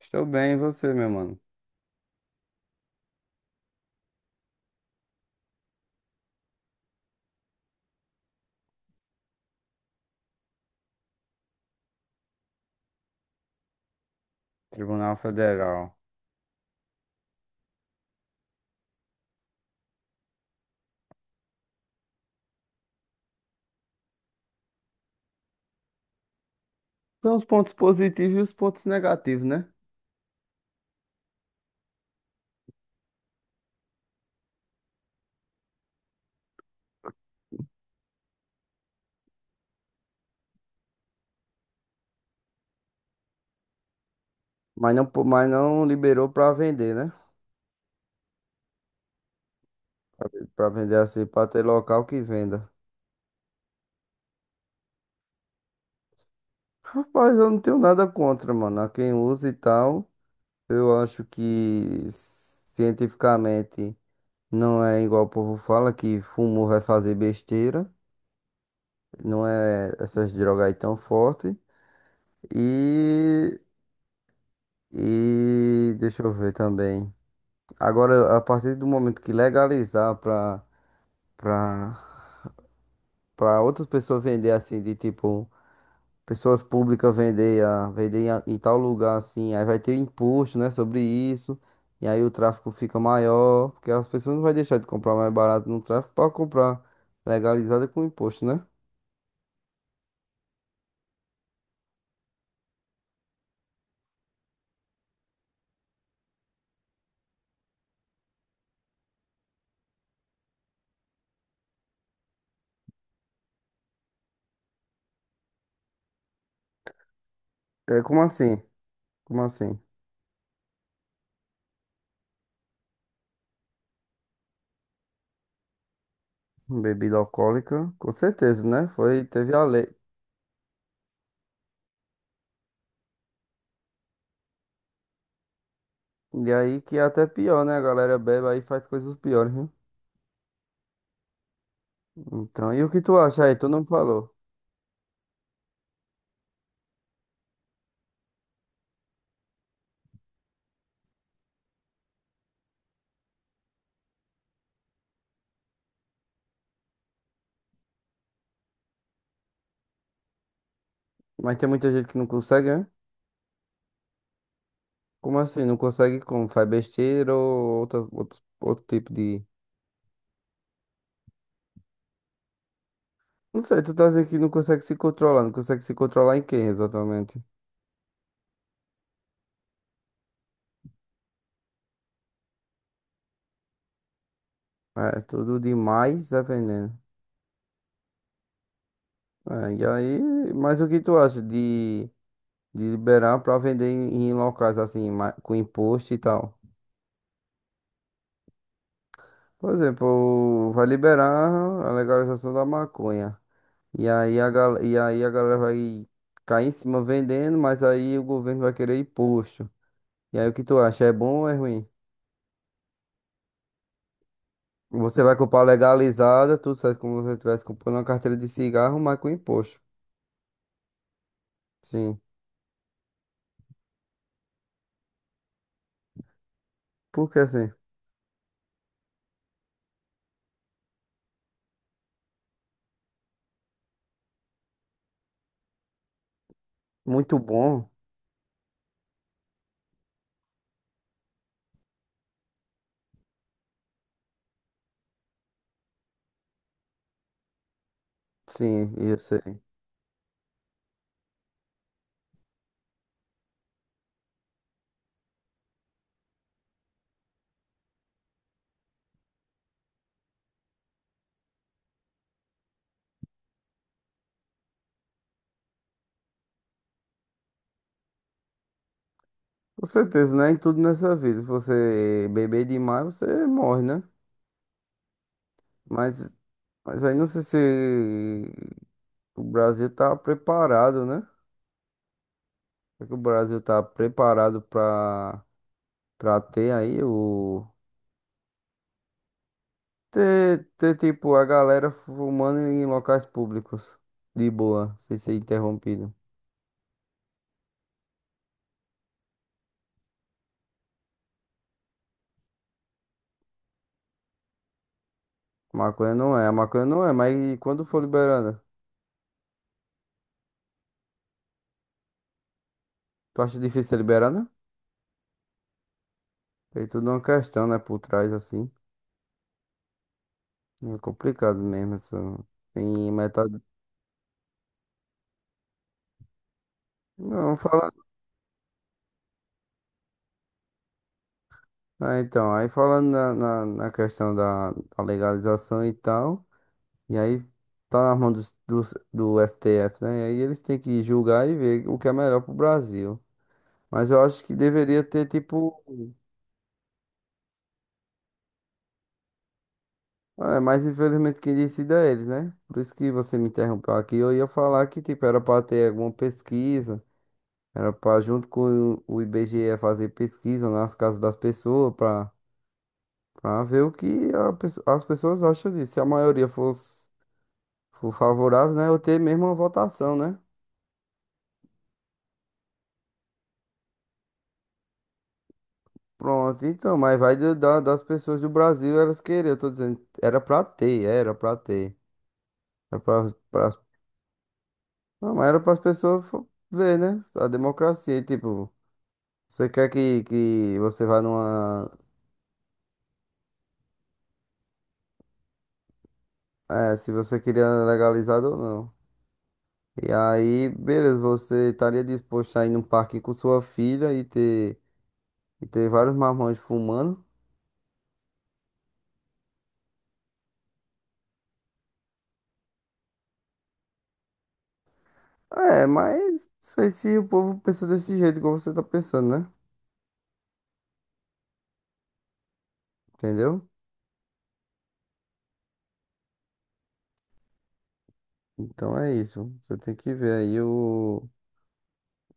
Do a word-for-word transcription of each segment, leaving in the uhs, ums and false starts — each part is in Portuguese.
Estou bem, e você, meu mano? Tribunal Federal. Tem os pontos positivos e os pontos negativos, né? Mas não, po- mas não liberou pra vender, né? Pra vender assim, pra ter local que venda. Rapaz, eu não tenho nada contra, mano. A quem usa e tal, eu acho que cientificamente não é igual o povo fala, que fumo vai fazer besteira. Não é essas drogas aí tão fortes. E, e deixa eu ver também. Agora, a partir do momento que legalizar para para para outras pessoas vender assim, de tipo, pessoas públicas vender, a, vender em, a- em tal lugar assim, aí vai ter imposto, né, sobre isso, e aí o tráfico fica maior, porque as pessoas não vai deixar de comprar mais barato no tráfico para comprar legalizada com imposto, né? É como assim? Como assim? Bebida alcoólica, com certeza, né? Foi, teve a lei. E aí que é até pior, né? A galera bebe aí e faz coisas piores, né? Então, e o que tu acha aí? Tu não falou. Mas tem muita gente que não consegue, né? Como assim? Não consegue como? Faz besteira ou outro, outro, outro tipo de. Não sei, tu tá dizendo que não consegue se controlar. Não consegue se controlar em quem exatamente? É, tudo demais é veneno. É, e aí, mas o que tu acha de, de liberar pra vender em, em locais assim, ma- com imposto e tal? Por exemplo, vai liberar a legalização da maconha. E aí a, gal- e aí a galera vai cair em cima vendendo, mas aí o governo vai querer imposto. E aí o que tu acha? É bom ou é ruim? Você vai comprar legalizada, tudo certo, como se você estivesse comprando uma carteira de cigarro, mas com imposto. Sim. Porque assim, muito bom. Sim, eu sei. Com certeza, né? Em tudo nessa vida. Se você beber demais, você morre, né? Mas, mas aí não sei se o Brasil tá preparado, né? Será que o Brasil tá preparado pra. Pra ter aí o. Ter, ter tipo a galera fumando em locais públicos. De boa, sem ser interrompido. Maconha não é, a maconha não é, mas e quando for liberada? Tu acha difícil ser liberada? Tem tudo uma questão, né, por trás assim. É complicado mesmo essa. Tem metade. Não, fala. Ah, então, aí falando na, na, na questão da, da legalização e tal. E aí tá na mão dos, dos, do S T F, né? E aí eles têm que julgar e ver o que é melhor pro Brasil. Mas eu acho que deveria ter, tipo. Ah, é, mas infelizmente quem decide é eles, né? Por isso que você me interrompeu aqui. Eu ia falar que, tipo, era pra ter alguma pesquisa. Era pra, junto com o I B G E, fazer pesquisa nas casas das pessoas. Pra, pra ver o que a pesso- as pessoas acham disso. Se a maioria fosse, for favorável, né? Eu ter mesmo uma votação, né? Pronto, então. Mas vai do- da- das pessoas do Brasil, elas querem. Eu tô dizendo, era pra ter, era pra ter. Era pra, Não, mas era para as pessoas fo- ver, né? A democracia, e, tipo, você quer que, que você vá numa. É, se você queria legalizado ou não. E aí, beleza, você estaria disposto a ir num parque com sua filha e ter, e ter vários marmanjos fumando? É, mas não sei se o povo pensa desse jeito, igual você tá pensando, né? Entendeu? Então é isso. Você tem que ver aí o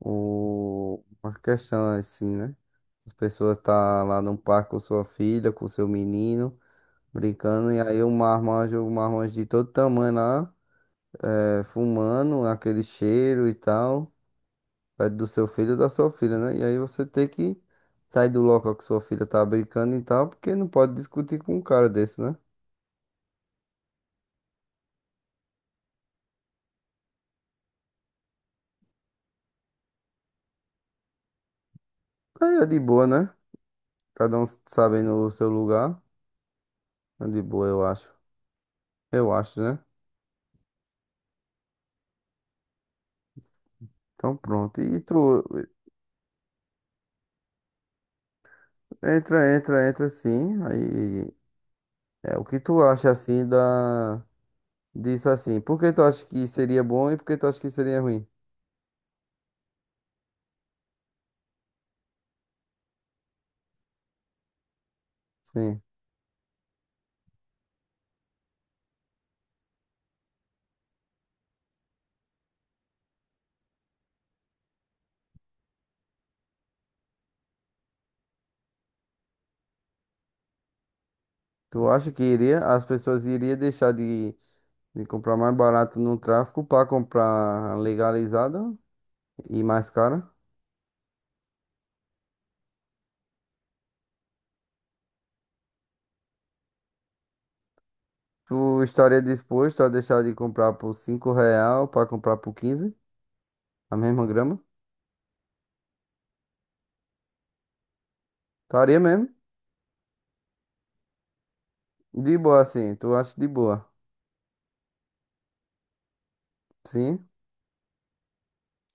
o, uma questão assim, né? As pessoas tá lá no parque com sua filha, com seu menino, brincando, e aí o marmanjo, o marmanjo de todo tamanho lá, é, fumando, aquele cheiro e tal, perto do seu filho ou da sua filha, né? E aí você tem que sair do local que sua filha tá brincando e tal, porque não pode discutir com um cara desse, né? Aí é de boa, né? Cada um sabendo o seu lugar, é de boa, eu acho. Eu acho, né? Então pronto. E tu? Entra, entra, entra sim. Aí é o que tu acha assim da disso assim? Por que tu acha que seria bom e por que tu acha que seria ruim? Sim. Tu acha que iria as pessoas iriam deixar de, de comprar mais barato no tráfico para comprar legalizado e mais caro? Tu estaria disposto a deixar de comprar por cinco real para comprar por quinze a mesma grama? Estaria mesmo? De boa assim, tu acha de boa? Sim.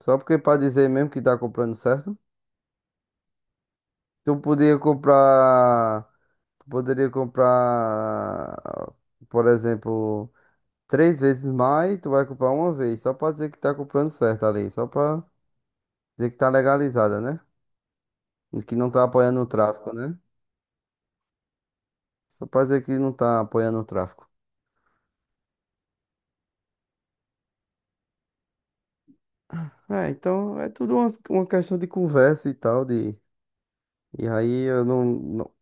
Só porque para dizer mesmo que tá comprando certo? Tu podia comprar. Tu poderia comprar, por exemplo, três vezes mais, tu vai comprar uma vez, só pra dizer que tá comprando certo ali, só pra dizer que tá legalizada, né? E que não tá apoiando o tráfico, né? Só pra dizer que não tá apoiando o tráfico. É, então é tudo uma, uma questão de conversa e tal, de. E aí eu não. não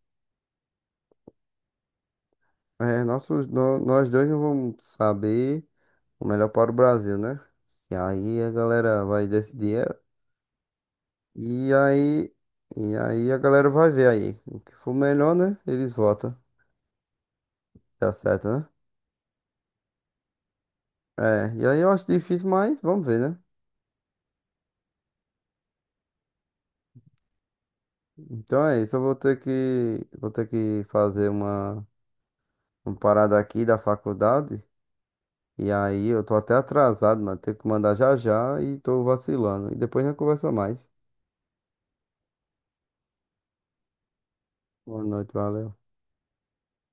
é, nossos, nó- nós dois não vamos saber o melhor para o Brasil, né? E aí a galera vai decidir. É e aí, e aí a galera vai ver aí. O que for melhor, né? Eles votam. Dá certo, né? É, e aí eu acho difícil, mas vamos ver, né? Então é isso, eu vou ter que, vou ter que fazer uma, uma parada aqui da faculdade. E aí eu tô até atrasado, mano. Tenho que mandar já já e tô vacilando. E depois a gente conversa mais. Boa noite, valeu.